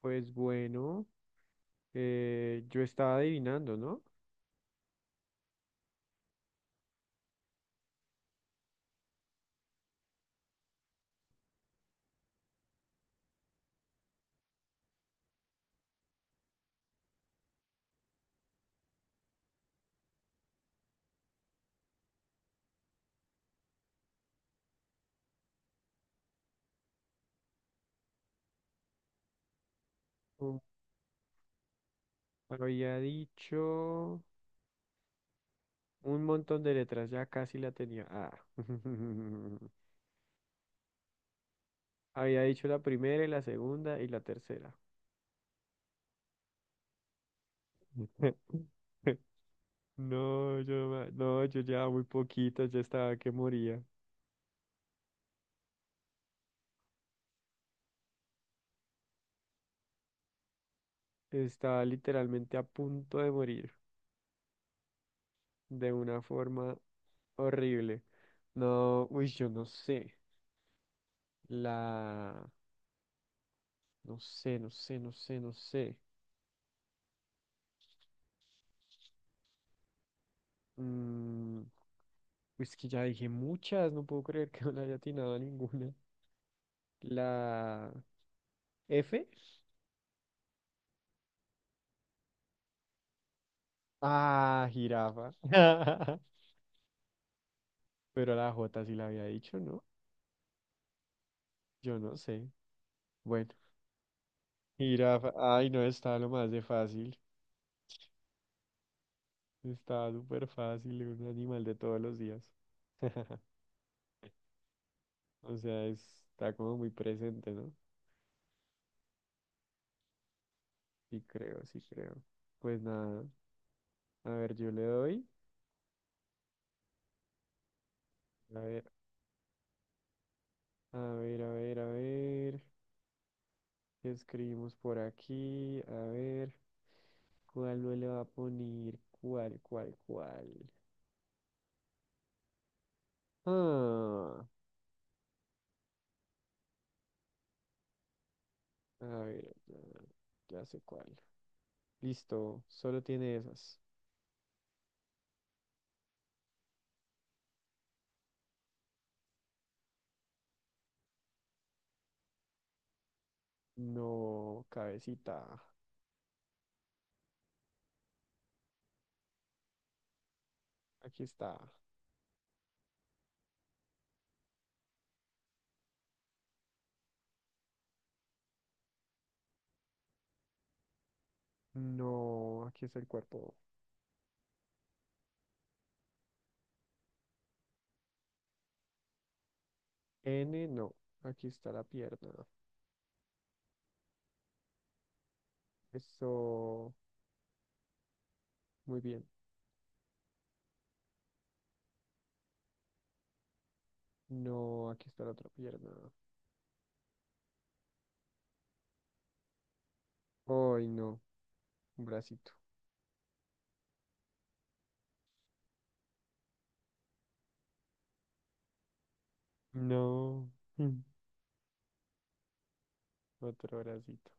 Pues bueno, yo estaba adivinando, ¿no? Um, Había dicho un montón de letras, ya casi la tenía. Ah. Había dicho la primera y la segunda y la tercera. No, yo, no, yo ya muy poquito, ya estaba que moría. Estaba literalmente a punto de morir de una forma horrible. No, uy, yo no sé. La, no sé, no sé, no sé, no sé. Mm, pues que ya dije muchas, no puedo creer que no le haya atinado a ninguna. La F. Ah, jirafa. Pero la J sí la había dicho, ¿no? Yo no sé. Bueno, jirafa. Ay, no, estaba lo más de fácil. Estaba súper fácil, un animal de todos los días. O sea, está como muy presente, ¿no? Sí creo, sí creo. Pues nada, a ver, yo le doy. A ver, a ver, a ver, a ver. ¿Escribimos por aquí? A ver, ¿cuál no le va a poner? ¿Cuál, cuál, cuál? Ah, a ver, ah, ya sé cuál. Listo, solo tiene esas. No, cabecita. Aquí está. No, aquí está el cuerpo. N, no. Aquí está la pierna. Eso, muy bien. No, aquí está la otra pierna. Ay, no, un bracito. No, otro bracito.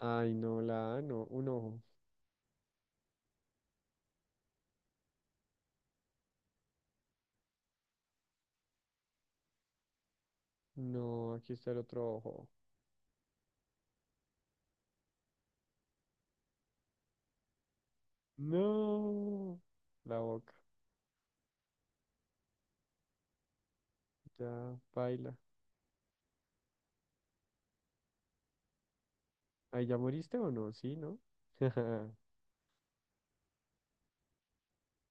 Ay, no, la A, no, un ojo. No, aquí está el otro ojo. No, la boca. Ya, baila. Ay, ¿ya moriste o no? Sí, ¿no?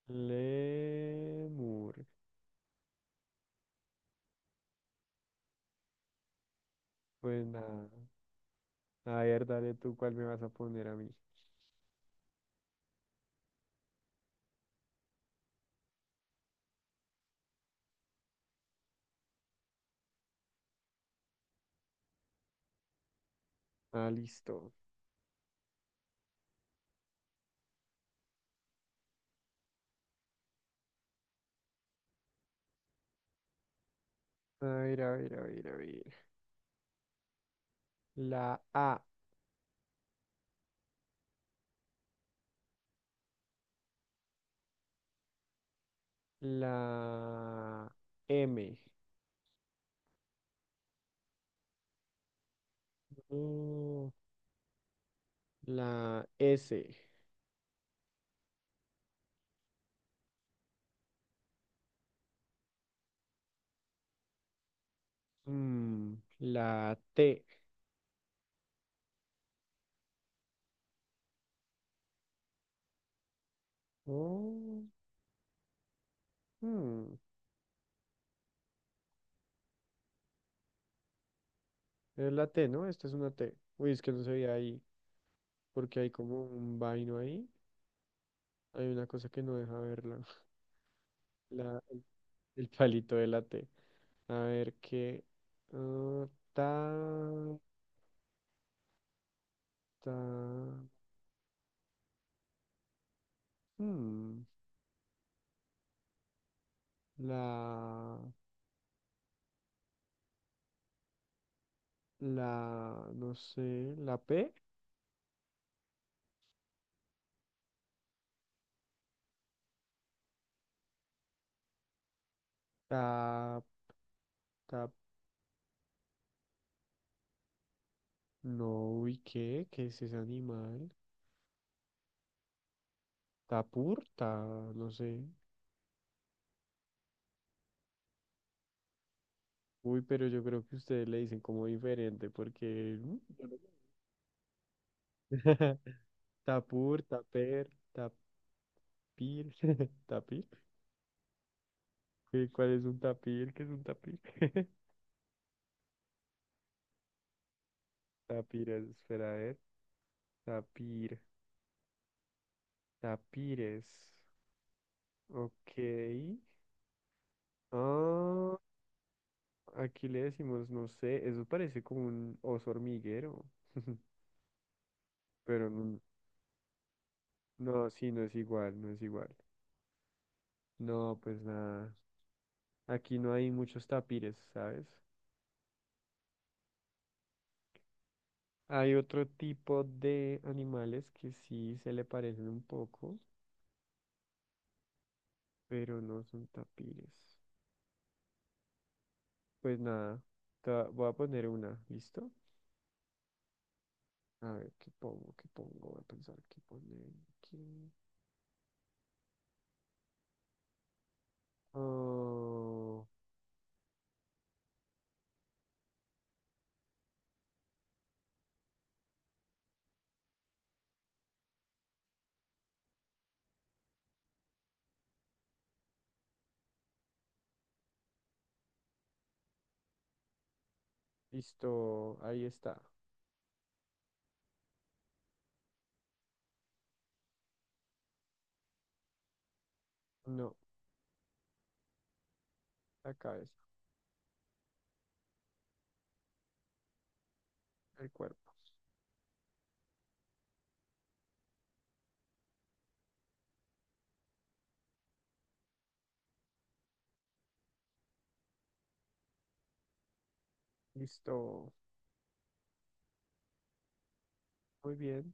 Lemur. Pues nada. A ver, dale tú cuál me vas a poner a mí. Ah, listo. A ver, a ver, a ver, a ver. La A, la M, Mm, la S, Mm, la T. Oh, mm. Es la T, ¿no? Esta es una T. Uy, es que no se veía ahí, porque hay como un vaino ahí. Hay una cosa que no deja verla. La, el palito de la T. A ver qué. ah, ta, ta. hmm, la, la, no sé, la P. Ta, ta, no, uy, ¿qué? ¿Qué es ese animal? Tapur, ta, no sé. Uy, pero yo creo que ustedes le dicen como diferente, porqueyo no sé. Tapur, taper, tapir, tapir. ¿Cuál es un tapir? ¿Qué es un tapir? Tapires, espera a ver. Tapir, tapires. Ok. Ah, aquí le decimos, no sé, eso parece como un oso hormiguero, pero no, no, sí, no es igual, no es igual. No, pues nada. Aquí no hay muchos tapires, ¿sabes? Hay otro tipo de animales que sí se le parecen un poco, pero no son tapires. Pues nada, voy a poner una, ¿listo? A ver, ¿qué pongo? ¿Qué pongo? Voy a pensar qué poner aquí. Oh, listo, ahí está. No, la cabeza, el cuerpo. Listo, muy bien.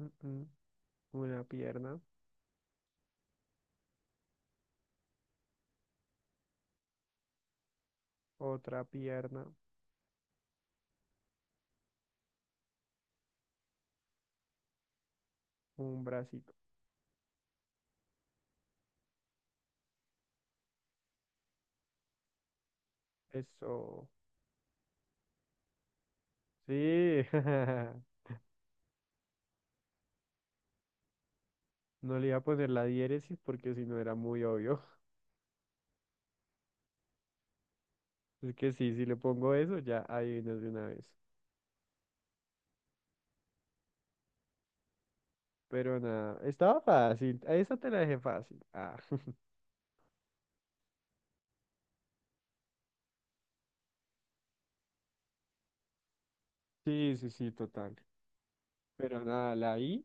Mm, mm. Una pierna, otra pierna, un bracito. Eso. Sí, no le iba a poner la diéresis porque si no era muy obvio. Es que sí, si le pongo eso, ya adivinas de una vez. Pero nada, estaba fácil. A esa te la dejé fácil. Ah, sí, sí, sí, total. Pero nada, la I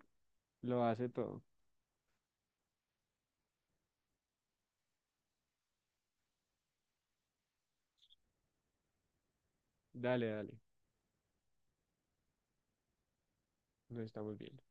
lo hace todo. Dale, dale. Nos estamos viendo.